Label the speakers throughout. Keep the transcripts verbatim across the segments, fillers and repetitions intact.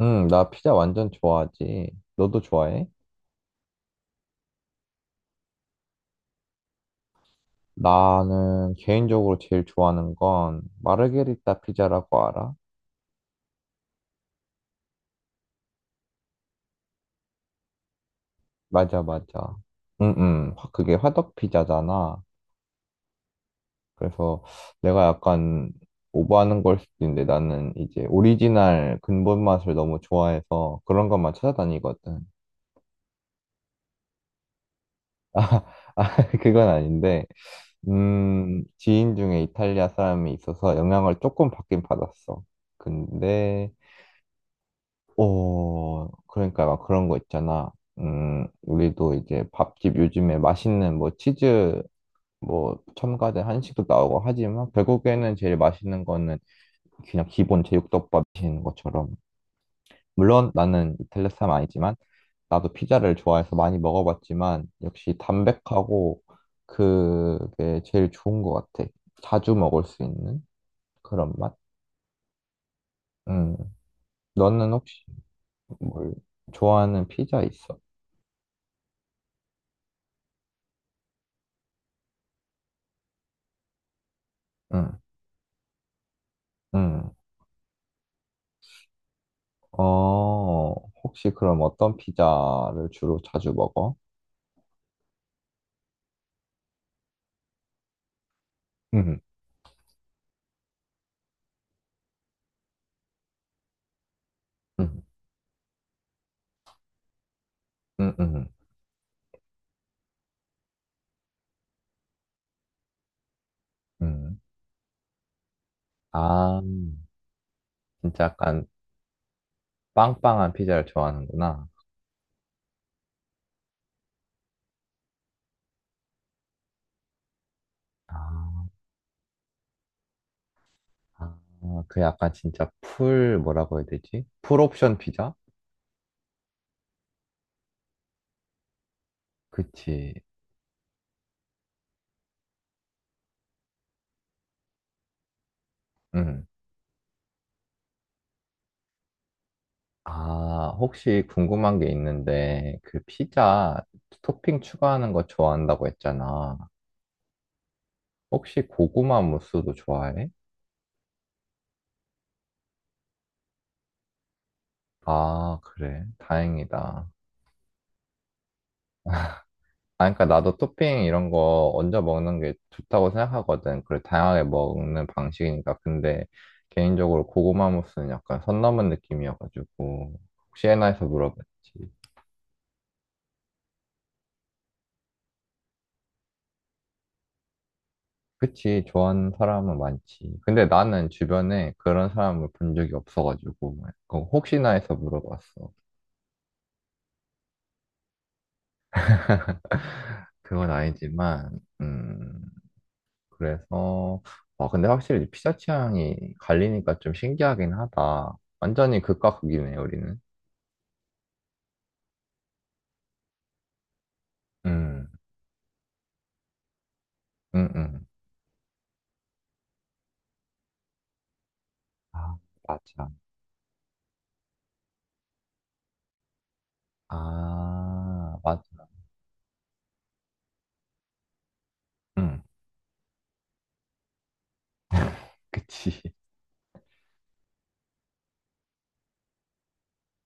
Speaker 1: 응, 나 피자 완전 좋아하지. 너도 좋아해? 나는 개인적으로 제일 좋아하는 건 마르게리타 피자라고 알아? 맞아, 맞아. 응, 응. 화- 그게 화덕 피자잖아. 그래서 내가 약간 오버하는 걸 수도 있는데 나는 이제 오리지널 근본 맛을 너무 좋아해서 그런 것만 찾아다니거든. 아, 그건 아닌데, 음, 지인 중에 이탈리아 사람이 있어서 영향을 조금 받긴 받았어. 근데 어, 그러니까 막 그런 거 있잖아. 음, 우리도 이제 밥집 요즘에 맛있는 뭐 치즈 뭐 첨가된 한식도 나오고 하지만 결국에는 제일 맛있는 거는 그냥 기본 제육덮밥인 것처럼. 물론 나는 이탈리아 사람 아니지만 나도 피자를 좋아해서 많이 먹어봤지만 역시 담백하고 그게 제일 좋은 것 같아. 자주 먹을 수 있는 그런 맛? 음, 너는 혹시 뭘 좋아하는 피자 있어? 응, 응. 어, 혹시 그럼 어떤 피자를 주로 자주 먹어? 음, 음, 음, 음, 음. 아, 진짜 약간 빵빵한 피자를 좋아하는구나. 아, 아, 그 약간 진짜 풀, 뭐라고 해야 되지? 풀 옵션 피자? 그치. 음. 아, 혹시 궁금한 게 있는데, 그 피자 토핑 추가하는 거 좋아한다고 했잖아. 혹시 고구마 무스도 좋아해? 아, 그래. 다행이다. 아, 그러니까 나도 토핑 이런 거 얹어 먹는 게 좋다고 생각하거든. 그래, 다양하게 먹는 방식이니까. 근데 개인적으로 고구마 무스는 약간 선 넘은 느낌이어가지고 혹시나 해서 물어봤지. 그치, 좋아하는 사람은 많지. 근데 나는 주변에 그런 사람을 본 적이 없어가지고 그거 혹시나 해서 물어봤어. 그건 아니지만, 음, 그래서, 아, 근데 확실히 피자 취향이 갈리니까 좀 신기하긴 하다. 완전히 극과 극이네, 우리는. 음. 응, 응. 아, 맞아. 아, 맞아. 응, 그치.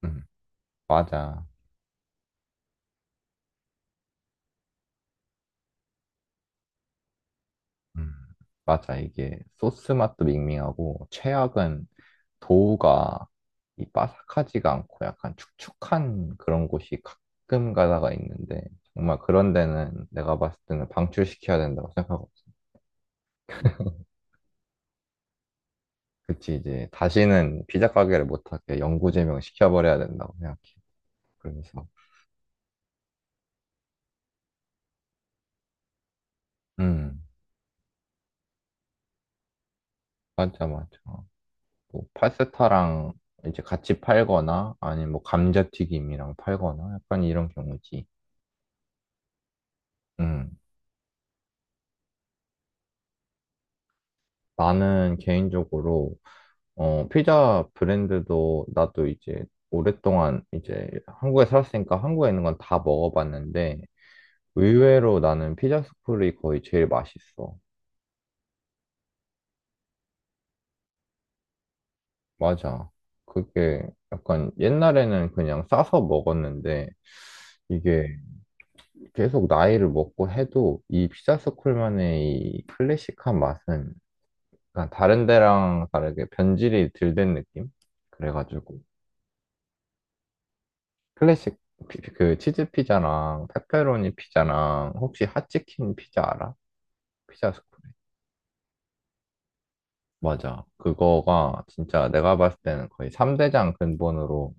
Speaker 1: 응, 맞아. 응, 맞아. 이게 소스 맛도 밍밍하고, 최악은 도우가 이 바삭하지가 않고 약간 축축한 그런 곳이 가끔 가다가 있는데, 정말 그런 데는 내가 봤을 때는 방출시켜야 된다고 생각하고, 그치, 이제 다시는 피자 가게를 못하게 영구 제명 시켜버려야 된다고 생각해. 그래서, 응, 맞아, 맞아. 뭐 파스타랑 이제 같이 팔거나 아니면 뭐 감자튀김이랑 팔거나 약간 이런 경우지. 음. 나는 개인적으로 어 피자 브랜드도 나도 이제 오랫동안 이제 한국에 살았으니까 한국에 있는 건 다 먹어봤는데 의외로 나는 피자 스쿨이 거의 제일 맛있어. 맞아. 그게 약간 옛날에는 그냥 싸서 먹었는데 이게 계속 나이를 먹고 해도 이 피자 스쿨만의 이 클래식한 맛은 약간 다른 데랑 다르게 변질이 덜 된 느낌? 그래가지고 클래식 피- 그 치즈 피자랑 페페로니 피자랑 혹시 핫치킨 피자 알아? 피자 스쿨에. 맞아. 그거가 진짜 내가 봤을 때는 거의 삼 대장 근본으로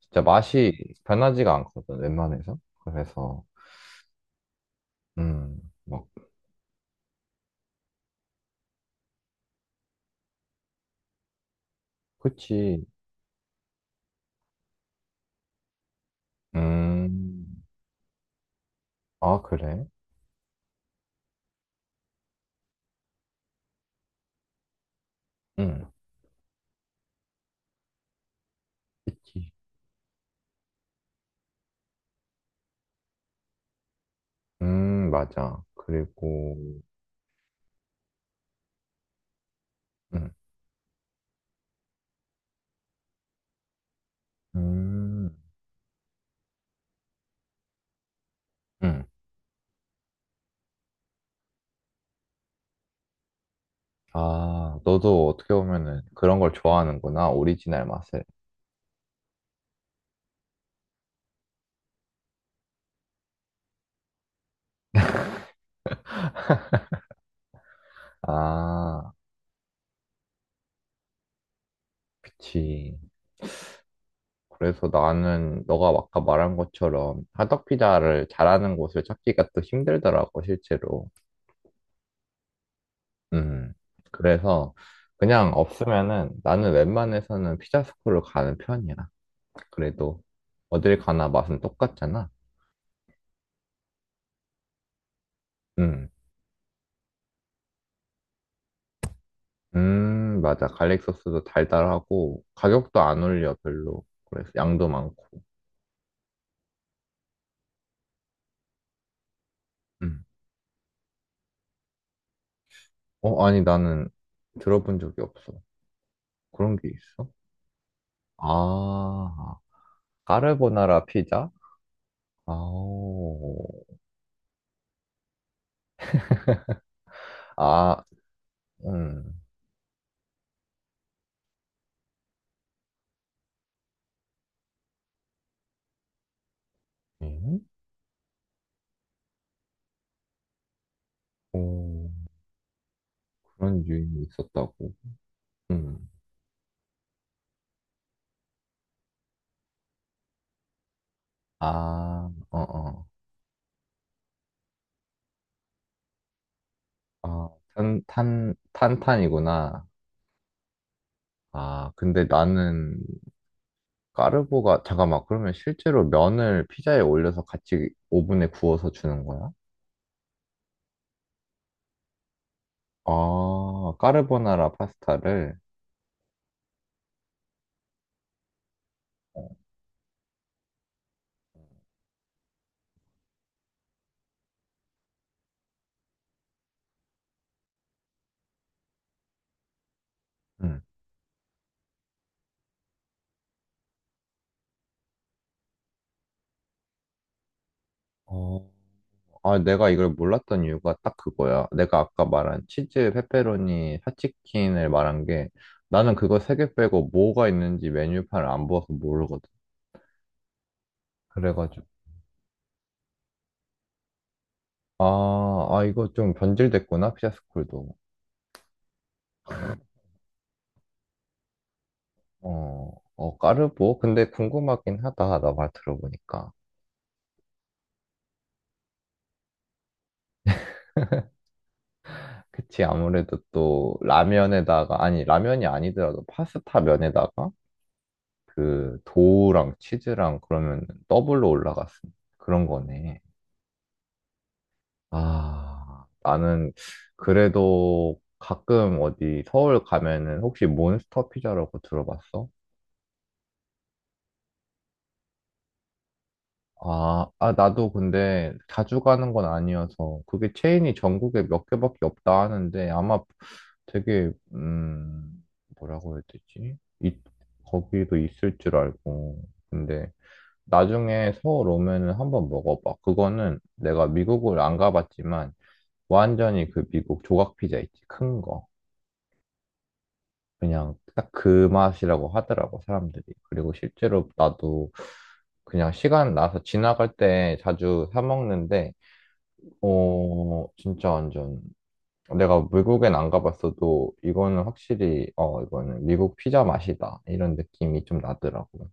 Speaker 1: 진짜 맛이 변하지가 않거든, 웬만해서. 그래서 음, 막 그치. 음. 아, 그래? 응. 그치. 음, 맞아. 그리고 음. 음. 음. 아, 너도 어떻게 보면은 그런 걸 좋아하는구나, 오리지널 맛을. 아, 그치. 그래서 나는 너가 아까 말한 것처럼 화덕피자를 잘하는 곳을 찾기가 또 힘들더라고, 실제로. 음. 그래서 그냥 없으면은 나는 웬만해서는 피자스쿨을 가는 편이야. 그래도 어딜 가나 맛은 똑같잖아. 음. 음, 맞아. 갈릭 소스도 달달하고 가격도 안 올려, 별로. 그래서 양도 많고. 음. 어, 아니, 나는 들어본 적이 없어. 그런 게 있어? 아, 까르보나라 피자? 아오. 아, 음. 음? 오, 그런 유인이 있었다고. 음. 아, 어, 어. 아, 탄, 탄, 탄탄이구나. 아, 근데 나는 까르보가, 잠깐만, 그러면 실제로 면을 피자에 올려서 같이 오븐에 구워서 주는 거야? 아, 까르보나라 파스타를. 어, 음. 아, 내가 이걸 몰랐던 이유가 딱 그거야. 내가 아까 말한 치즈, 페페로니, 핫치킨을 말한 게 나는 그거 세 개 빼고 뭐가 있는지 메뉴판을 안 보아서 모르거든. 그래가지고. 아, 아, 이거 좀 변질됐구나, 피자스쿨도. 어, 어, 까르보? 근데 궁금하긴 하다, 나 말 들어보니까. 그치, 아무래도 또 라면에다가, 아니, 라면이 아니더라도 파스타 면에다가 그 도우랑 치즈랑 그러면 더블로 올라갔으니 그런 거네. 아, 나는 그래도 가끔 어디 서울 가면은 혹시 몬스터 피자라고 들어봤어? 아, 아, 나도 근데 자주 가는 건 아니어서 그게 체인이 전국에 몇 개밖에 없다 하는데 아마 되게, 음, 뭐라고 해야 되지? 이, 거기도 있을 줄 알고. 근데 나중에 서울 오면은 한번 먹어봐. 그거는 내가 미국을 안 가봤지만 완전히 그 미국 조각 피자 있지, 큰 거. 그냥 딱 그 맛이라고 하더라고, 사람들이. 그리고 실제로 나도 그냥 시간 나서 지나갈 때 자주 사 먹는데, 어, 진짜 완전 내가 외국엔 안 가봤어도 이거는 확실히, 어, 이거는 미국 피자 맛이다. 이런 느낌이 좀 나더라고.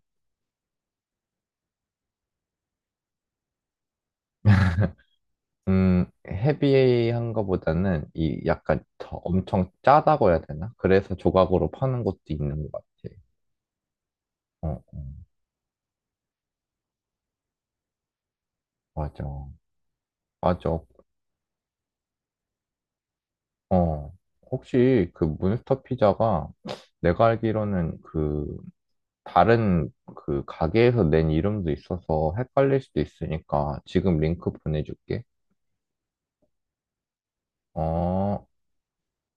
Speaker 1: 음, 헤비한 거보다는 이 약간 더 엄청 짜다고 해야 되나? 그래서 조각으로 파는 것도 있는 것 같아. 어, 어, 맞아. 맞아. 어, 혹시 그 몬스터 피자가 내가 알기로는 그 다른 그 가게에서 낸 이름도 있어서 헷갈릴 수도 있으니까 지금 링크 보내줄게. 어,